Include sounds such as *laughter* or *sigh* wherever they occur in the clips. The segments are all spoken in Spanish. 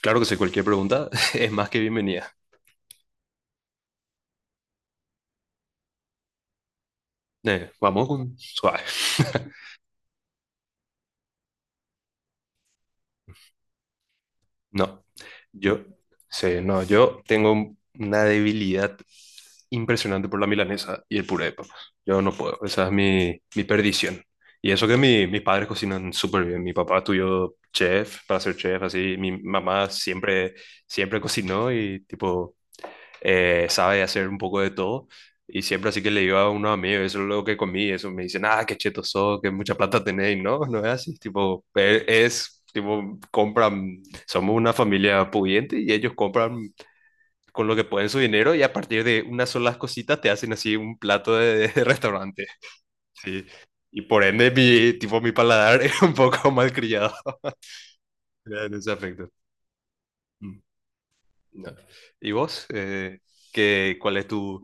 Claro que sí, cualquier pregunta *laughs* es más que bienvenida. Vamos con suave. *laughs* No, yo sí, no, yo tengo una debilidad impresionante por la milanesa y el puré de papas. Yo no puedo, esa es mi perdición. Y eso que mis padres cocinan súper bien. Mi papá estudió chef, para ser chef, así. Mi mamá siempre cocinó y tipo sabe hacer un poco de todo. Y siempre así que le digo a unos amigos, eso es lo que comí, eso me dicen, ah, qué cheto sos, que mucha plata tenéis, ¿no? No es así, tipo, es, tipo, compran, somos una familia pudiente y ellos compran con lo que pueden su dinero y a partir de unas solas cositas te hacen así un plato de, *laughs* de restaurante, sí. Y por ende, mi, tipo, mi paladar *laughs* es un poco malcriado *laughs* en ese aspecto. Mm, no. ¿Y vos? ¿Qué, cuál es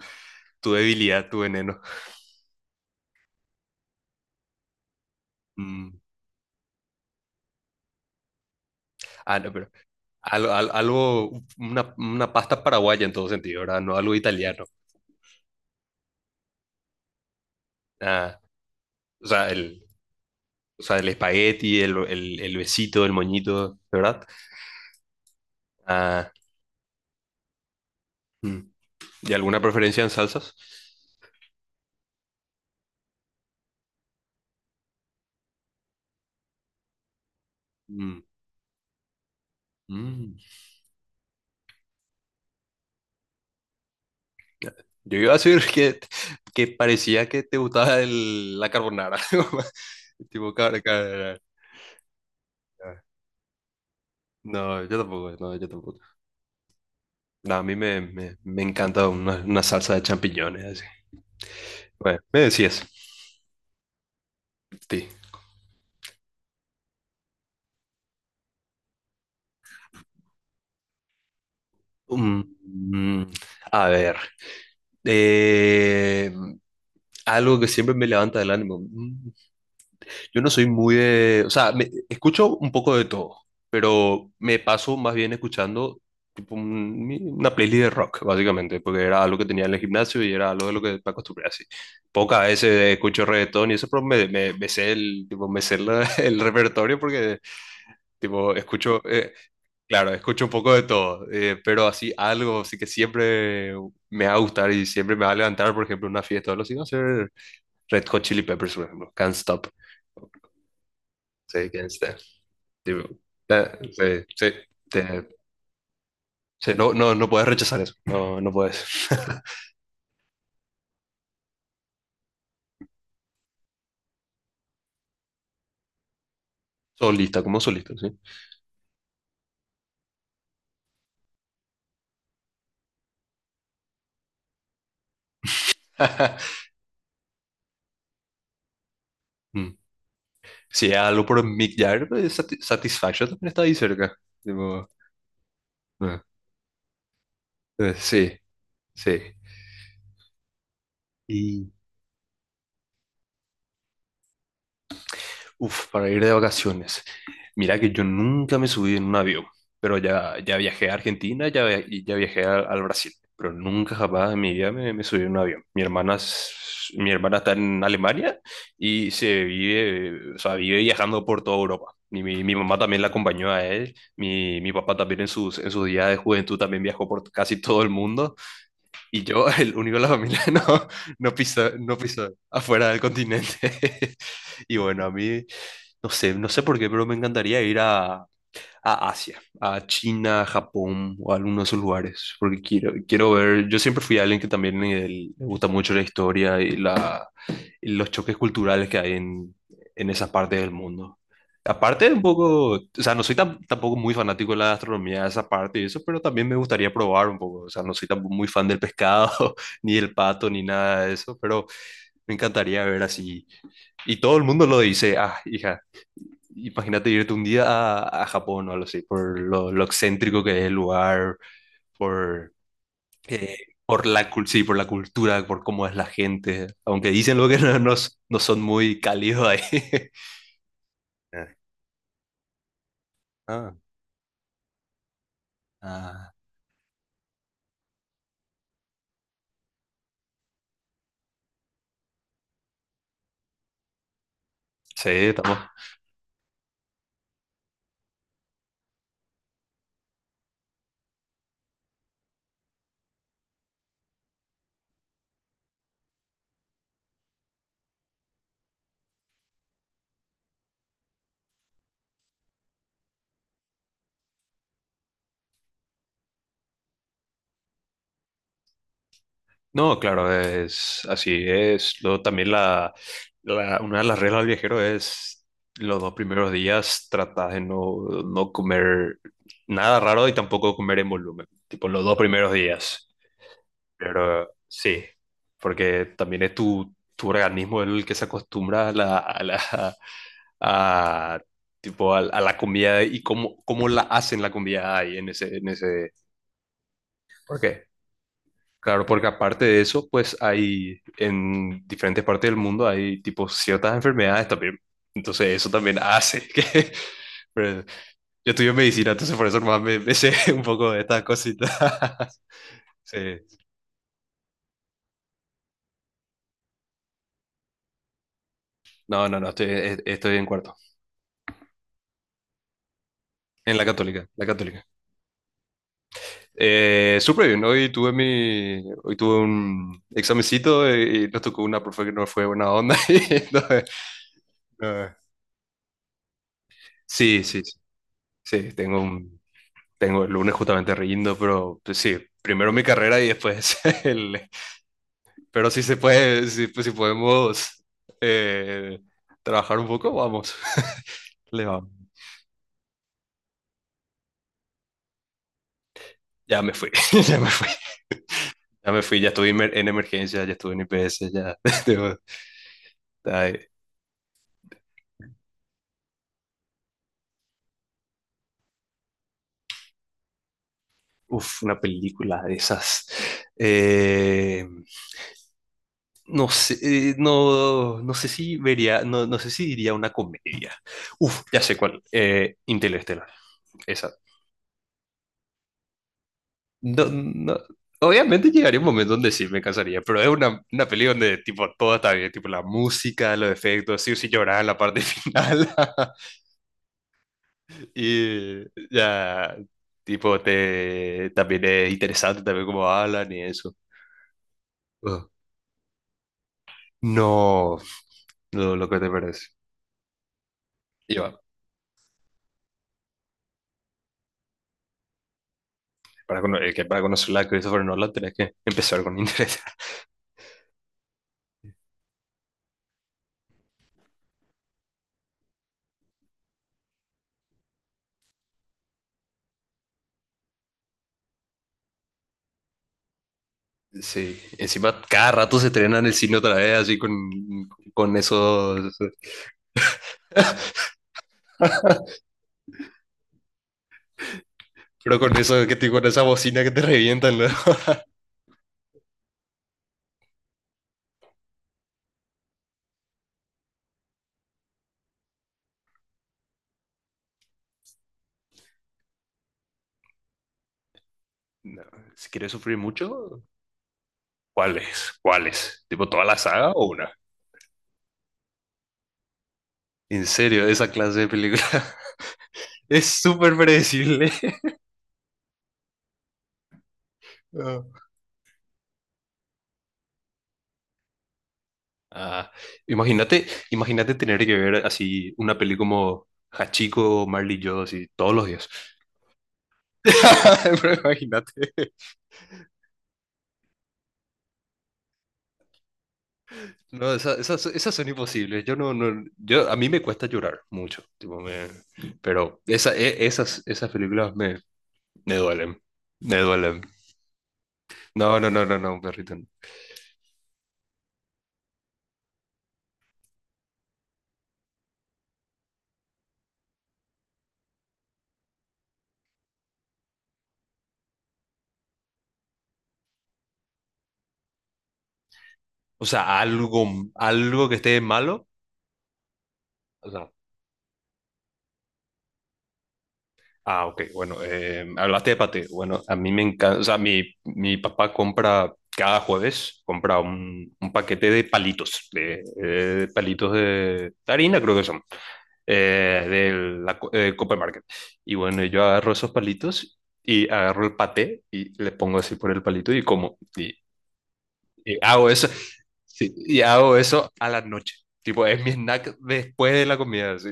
tu debilidad, tu veneno? Mm. Ah, no, pero algo, una pasta paraguaya en todo sentido, ¿verdad? No algo italiano. Ah, o sea, o sea, el espagueti, el besito, el moñito, ¿verdad? Ah, mm. ¿Y alguna preferencia en salsas? Mm, mm. Yo iba a decir que parecía que te gustaba el, la carbonara. *laughs* Tipo, no, yo tampoco, no, yo tampoco. No, a mí me encanta una salsa de champiñones, así. Bueno, me decías, sí. Mm, mm, a ver, eh, algo que siempre me levanta el ánimo. Yo no soy muy de, o sea, escucho un poco de todo, pero me paso más bien escuchando tipo, una playlist de rock, básicamente, porque era algo que tenía en el gimnasio y era algo de lo que me acostumbré así. Pocas veces escucho reggaetón y eso, pero me sé el, tipo, me sé *laughs* el repertorio porque tipo, escucho, claro, escucho un poco de todo, pero así algo, así que siempre me va a gustar y siempre me va a levantar, por ejemplo, una fiesta o algo así, va a ser Red Hot Chili Peppers, por ejemplo, Can't Stop. Sí, Can't Stop. Tipo, sí, sí, te- sí, no, no, no puedes rechazar eso, no, no puedes. *laughs* Solista, como solista, sí. *laughs* Mm. Si es algo por Mick Jagger, pues, Satisfaction también está ahí cerca. Tipo, eh, sí, sí. Uf, para ir de vacaciones. Mira que yo nunca me subí en un avión, pero ya viajé a Argentina ya, y ya viajé al Brasil, pero nunca jamás en mi vida me subí en un avión. Mi hermana, mi hermana está en Alemania y se vive, o sea, vive viajando por toda Europa. Y mi mamá también la acompañó a él, mi papá también en en sus días de juventud también viajó por casi todo el mundo. Y yo, *laughs* el único de la familia, *laughs* no, no piso, no piso afuera del continente. *laughs* Y bueno, a mí, no sé, no sé por qué, pero me encantaría ir a Asia, a China, Japón o a alguno de esos lugares, porque quiero, quiero ver, yo siempre fui alguien que también le gusta mucho la historia y los choques culturales que hay en esas partes del mundo. Aparte, un poco, o sea, no soy tampoco muy fanático de la gastronomía, de esa parte y eso, pero también me gustaría probar un poco, o sea, no soy tampoco muy fan del pescado, *laughs* ni del pato, ni nada de eso, pero me encantaría ver así. Y todo el mundo lo dice, ah, hija, imagínate irte un día a Japón o algo así, por lo excéntrico que es el lugar, por, eh, por sí, por la cultura, por cómo es la gente, aunque dicen lo que no son muy cálidos ahí. *laughs* Eh, ah, ah, sí, estamos. No, claro, es así, es lo, también una de las reglas del viajero es los dos primeros días tratar de no, no comer nada raro y tampoco comer en volumen, tipo los dos primeros días. Pero sí, porque también es tu organismo el que se acostumbra a a, tipo, a la comida y cómo, cómo la hacen la comida ahí en en ese... ¿Por qué? Claro, porque aparte de eso, pues hay en diferentes partes del mundo hay tipo ciertas enfermedades también. Entonces eso también hace *laughs* que... Pero yo estudio medicina, entonces por eso más me sé *laughs* un poco de estas cositas. *laughs* Sí. No, estoy, estoy en cuarto, en la católica, la católica. Súper bien, hoy tuve mi, hoy tuve un examencito y nos tocó una profe que no fue buena onda. *laughs* Y entonces, eh, sí, sí, sí, sí, tengo un, tengo el lunes justamente riendo, pero pues, sí, primero mi carrera y después *laughs* el... Pero si se puede, si, pues, si podemos eh, trabajar un poco, vamos, *laughs* le vamos. Ya me fui, *laughs* ya me fui, ya me fui, ya estuve en en emergencia, ya estuve en IPS, ya... *laughs* tengo- Uf, una película de esas. Eh, no sé, no, no sé si vería, no, no sé si diría una comedia. Uf, ya sé cuál. Interestelar. Esa. No, no- obviamente llegaría un momento donde sí me cansaría, pero es una peli donde tipo todo está bien, tipo la música, los efectos, sí o sí llorar en la parte *laughs* final. Y ya, tipo, te, también es interesante también cómo hablan y eso. Uh. No, lo que te parece. Y va, para, que para conocerla a Christopher Nolan tenés que *laughs* empezar con interés *laughs* sí, encima cada rato se estrenan en el cine otra vez, así con esos, pero con eso con esa bocina que te revientan, ¿no? *laughs* No, si quieres sufrir mucho, ¿cuáles? ¿Cuáles? ¿Tipo toda la saga o una? En serio, esa clase de película *laughs* es súper predecible. *laughs* Ah, ah, imagínate, imagínate tener que ver así una peli como Hachiko, o Marley y yo, así todos los días. *laughs* Pero imagínate. No, esas, esas son imposibles. Yo no, yo, a mí me cuesta llorar mucho. Tipo, pero esa, esas, esas películas me duelen. Me duelen. No, no, no, no, no, perrito. No. O sea, algo, algo que esté malo. O sea, ah, ok, bueno, hablaste de paté. Bueno, a mí me encanta, o sea, mi papá compra cada jueves, compra un paquete de palitos, de palitos de harina, creo que son, de Copper Market. Y bueno, yo agarro esos palitos y agarro el paté y le pongo así por el palito y y hago eso, sí, y hago eso a la noche. Tipo, es mi snack después de la comida. Así.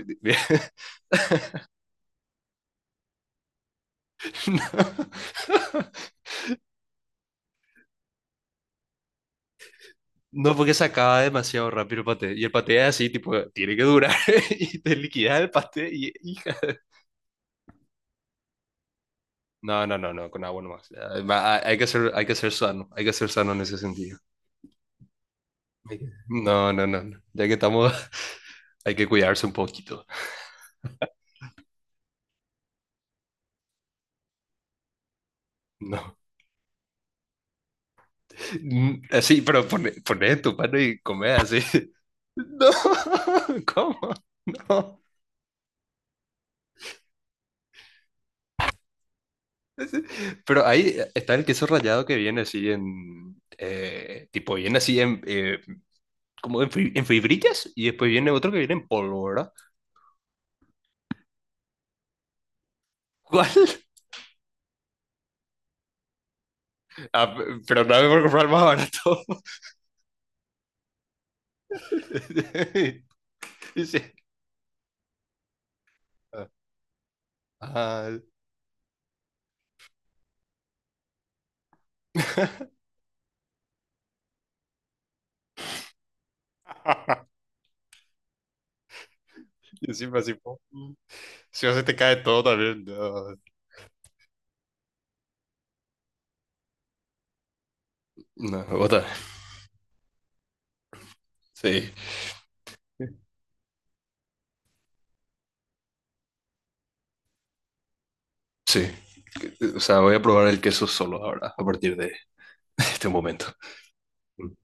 *laughs* No, porque se acaba demasiado rápido el paté. Y el paté es así, tipo, tiene que durar *laughs* y te liquidas el paté y hija. No, no, con agua nomás. Ah, va, hay hay que ser sano, hay que ser sano en ese sentido. No, no, no, no. Ya que estamos, *laughs* hay que cuidarse un poquito. No. Mm, así, pero pone en tu mano y come así. *laughs* No, *laughs* ¿cómo? No. Pero ahí está el queso rallado que viene así en, tipo, viene así en, como en, en fibrillas y después viene otro que viene en polvo, ¿verdad? *laughs* ¿Cuál? Ah, pero no me voy a comprar más barato. *laughs* Sí. Ah, *laughs* y encima así, po, si no se te cae todo también. No, no, bota. Sí. Sí. O sea, voy a probar el queso solo ahora, a partir de este momento. *laughs*